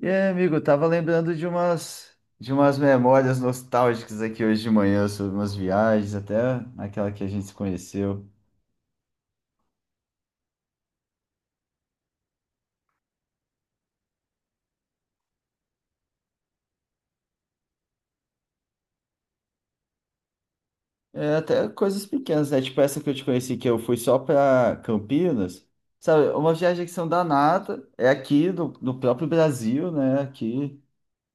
E aí, amigo, eu tava lembrando de umas memórias nostálgicas aqui hoje de manhã sobre umas viagens, até aquela que a gente se conheceu. É, até coisas pequenas, né? Tipo essa que eu te conheci, que eu fui só pra Campinas. Sabe, uma viagem que são danada, é aqui do próprio Brasil, né? Aqui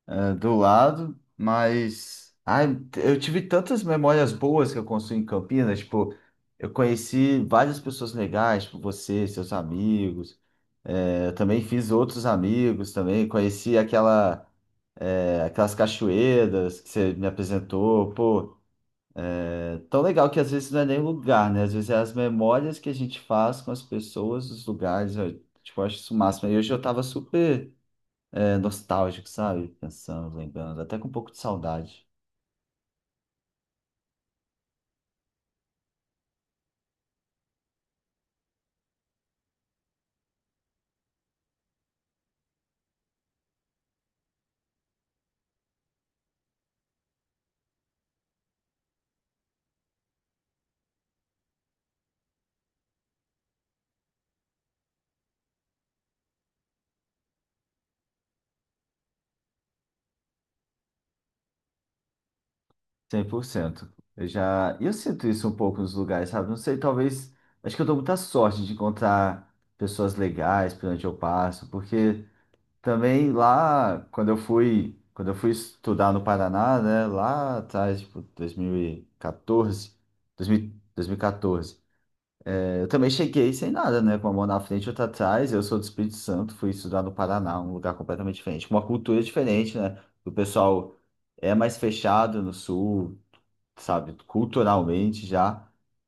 é, do lado, mas ai, eu tive tantas memórias boas que eu construí em Campinas, tipo, eu conheci várias pessoas legais, tipo você, seus amigos. É, eu também fiz outros amigos também, conheci aquela, aquelas cachoeiras que você me apresentou, pô, é tão legal que às vezes não é nem lugar, né? Às vezes é as memórias que a gente faz com as pessoas, os lugares, eu, tipo, eu acho isso o máximo. E hoje eu tava super, nostálgico, sabe? Pensando, lembrando, até com um pouco de saudade, cem por cento. Eu já, e eu sinto isso um pouco nos lugares, sabe? Não sei, talvez, acho que eu dou muita sorte de encontrar pessoas legais por onde eu passo, porque... Também lá, quando eu fui estudar no Paraná, né, lá atrás, tipo, 2014, 2000, 2014, eu também cheguei sem nada, né, com uma mão na frente e outra atrás. Eu sou do Espírito Santo, fui estudar no Paraná, um lugar completamente diferente, com uma cultura diferente, né? O pessoal é mais fechado no sul, sabe, culturalmente já.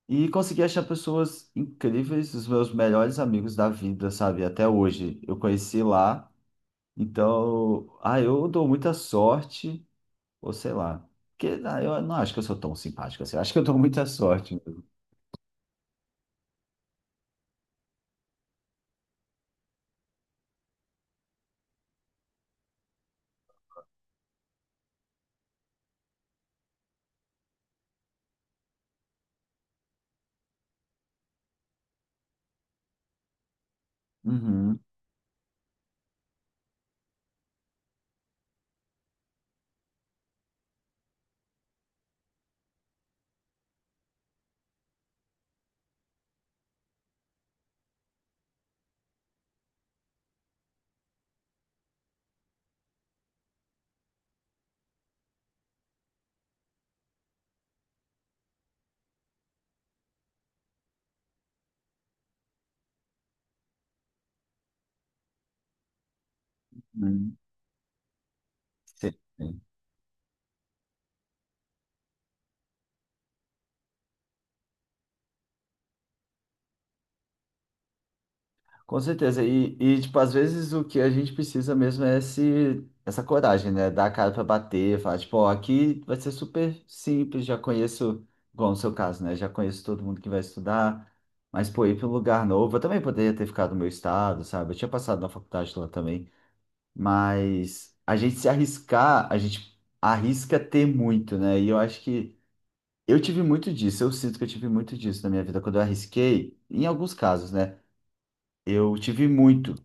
E consegui achar pessoas incríveis, os meus melhores amigos da vida, sabe, até hoje. Eu conheci lá. Então, ah, eu dou muita sorte, ou sei lá. Porque, ah, eu não acho que eu sou tão simpático assim. Eu Acho que eu dou muita sorte. Uhum, uhum. Sim, sim. Com certeza. E tipo, às vezes o que a gente precisa mesmo é esse, essa coragem, né? Dar a cara pra bater, falar, tipo, ó, aqui vai ser super simples, já conheço, igual no seu caso, né? Já conheço todo mundo que vai estudar. Mas, pô, ir para um lugar novo, eu também poderia ter ficado no meu estado, sabe? Eu tinha passado na faculdade lá também. Mas a gente se arriscar, a gente arrisca ter muito, né? E eu acho que eu tive muito disso, eu sinto que eu tive muito disso na minha vida. Quando eu arrisquei, em alguns casos, né? Eu tive muito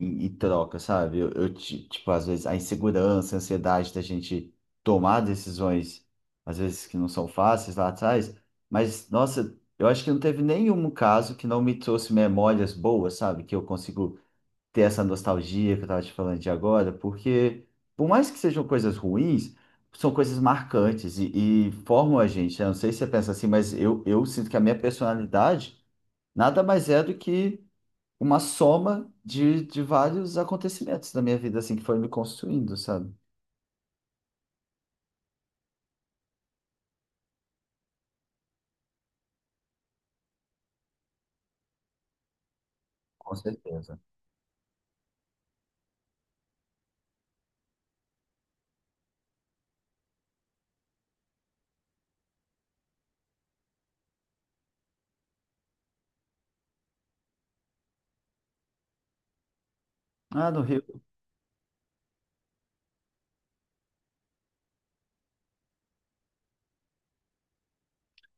em troca, sabe? Tipo, às vezes a insegurança, a ansiedade da gente tomar decisões, às vezes que não são fáceis lá atrás. Mas, nossa, eu acho que não teve nenhum caso que não me trouxe memórias boas, sabe? Que eu consigo ter essa nostalgia que eu estava te falando de agora, porque por mais que sejam coisas ruins, são coisas marcantes e formam a gente, né? Não sei se você pensa assim, mas eu sinto que a minha personalidade nada mais é do que uma soma de vários acontecimentos da minha vida, assim, que foram me construindo, sabe? Com certeza. Ah, no Rio.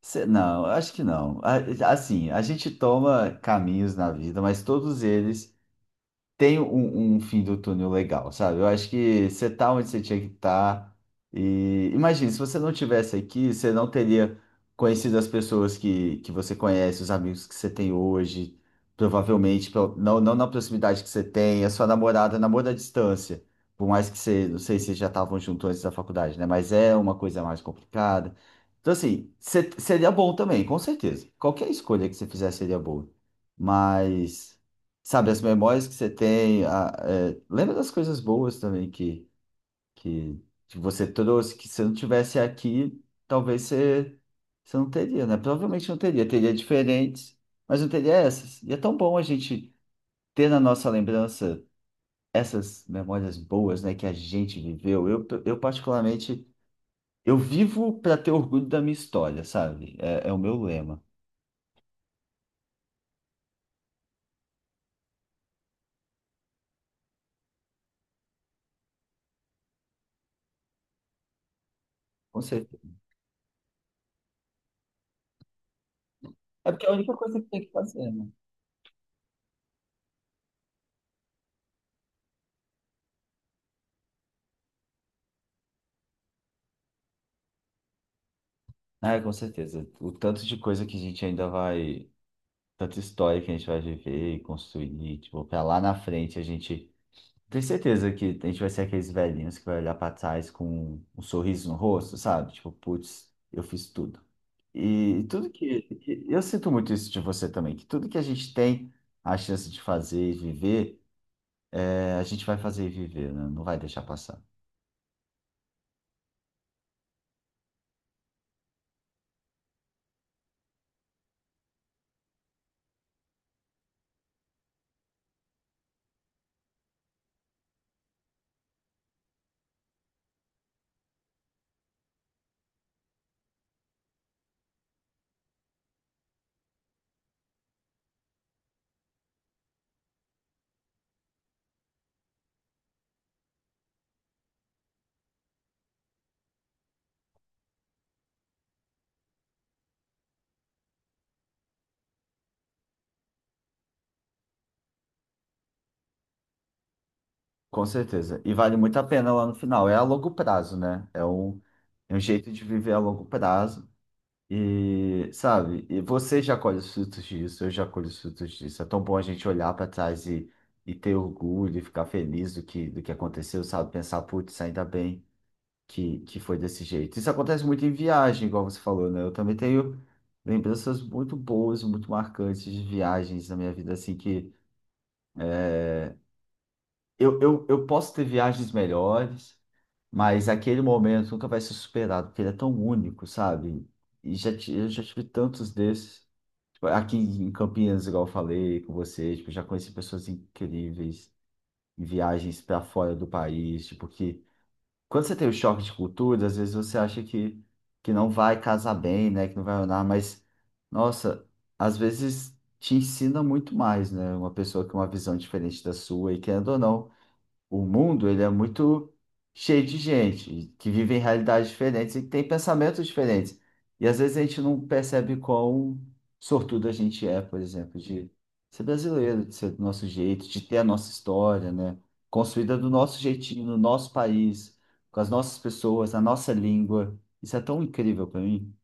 Não, acho que não. Assim, a gente toma caminhos na vida, mas todos eles tem um fim do túnel legal, sabe? Eu acho que você tá onde você tinha que estar. E imagina, se você não tivesse aqui, você não teria conhecido as pessoas que você conhece, os amigos que você tem hoje, não, não na proximidade que você tem, a sua namorada namora à distância. Por mais que você, não sei se vocês já estavam juntos antes da faculdade, né? Mas é uma coisa mais complicada. Então, assim, seria bom também, com certeza. Qualquer escolha que você fizer seria boa. Mas sabe, as memórias que você tem, lembra das coisas boas também que, que você trouxe, que se eu não tivesse aqui, talvez você não teria, né? Provavelmente não teria, teria diferentes, mas não teria essas. E é tão bom a gente ter na nossa lembrança essas memórias boas, né, que a gente viveu. Eu particularmente, eu vivo para ter orgulho da minha história, sabe? É o meu lema. Com certeza. É porque é a única coisa que tem que fazer, né? Ah, com certeza. O tanto de coisa que a gente ainda vai, tanta história que a gente vai viver e construir, tipo, pra lá na frente a gente tem certeza que a gente vai ser aqueles velhinhos que vai olhar pra trás com um sorriso no rosto, sabe? Tipo, putz, eu fiz tudo. E tudo eu sinto muito isso de você também, que tudo que a gente tem a chance de fazer e viver, é, a gente vai fazer e viver, né? Não vai deixar passar. Com certeza. E vale muito a pena lá no final. É a longo prazo, né? É um jeito de viver a longo prazo. E, sabe, e você já colhe os frutos disso, eu já colho os frutos disso. É tão bom a gente olhar para trás e ter orgulho e ficar feliz do que aconteceu, sabe? Pensar, putz, ainda bem que foi desse jeito. Isso acontece muito em viagem, igual você falou, né? Eu também tenho lembranças muito boas, muito marcantes de viagens na minha vida, assim, que eu posso ter viagens melhores. Mas aquele momento nunca vai ser superado, porque ele é tão único, sabe? Eu já tive tantos desses. Tipo, aqui em Campinas, igual eu falei com você, tipo, já conheci pessoas incríveis em viagens para fora do país, tipo, que quando você tem o choque de cultura, às vezes você acha que não vai casar bem, né, que não vai andar, mas, nossa, às vezes te ensina muito mais, né, uma pessoa com uma visão diferente da sua, e querendo ou não, o mundo, ele é muito cheio de gente que vive em realidades diferentes e que tem pensamentos diferentes. E às vezes a gente não percebe quão sortudo a gente é, por exemplo, de ser brasileiro, de ser do nosso jeito, de ter a nossa história, né? Construída do nosso jeitinho, no nosso país, com as nossas pessoas, na nossa língua. Isso é tão incrível para mim.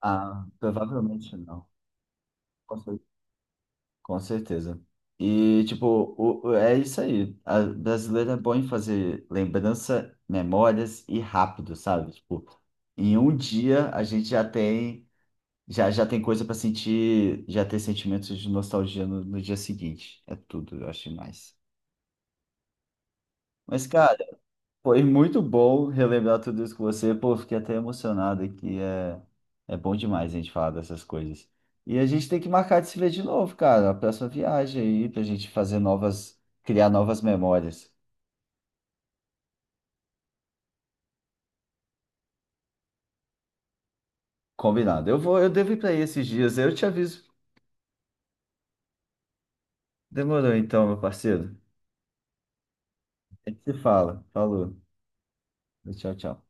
Ah, provavelmente não. Com certeza. E, tipo, é isso aí. A brasileira é bom em fazer lembrança, memórias e rápido, sabe? Tipo, em um dia a gente já tem coisa para sentir, já ter sentimentos de nostalgia no dia seguinte. É tudo, eu acho demais. Mas, cara, foi muito bom relembrar tudo isso com você. Pô, fiquei até emocionado aqui. É bom demais a gente falar dessas coisas. E a gente tem que marcar de se ver de novo, cara. A próxima viagem aí, pra gente fazer novas, criar novas memórias. Combinado. Eu devo ir pra aí esses dias. Eu te aviso. Demorou então, meu parceiro. A gente se fala. Falou. Tchau, tchau.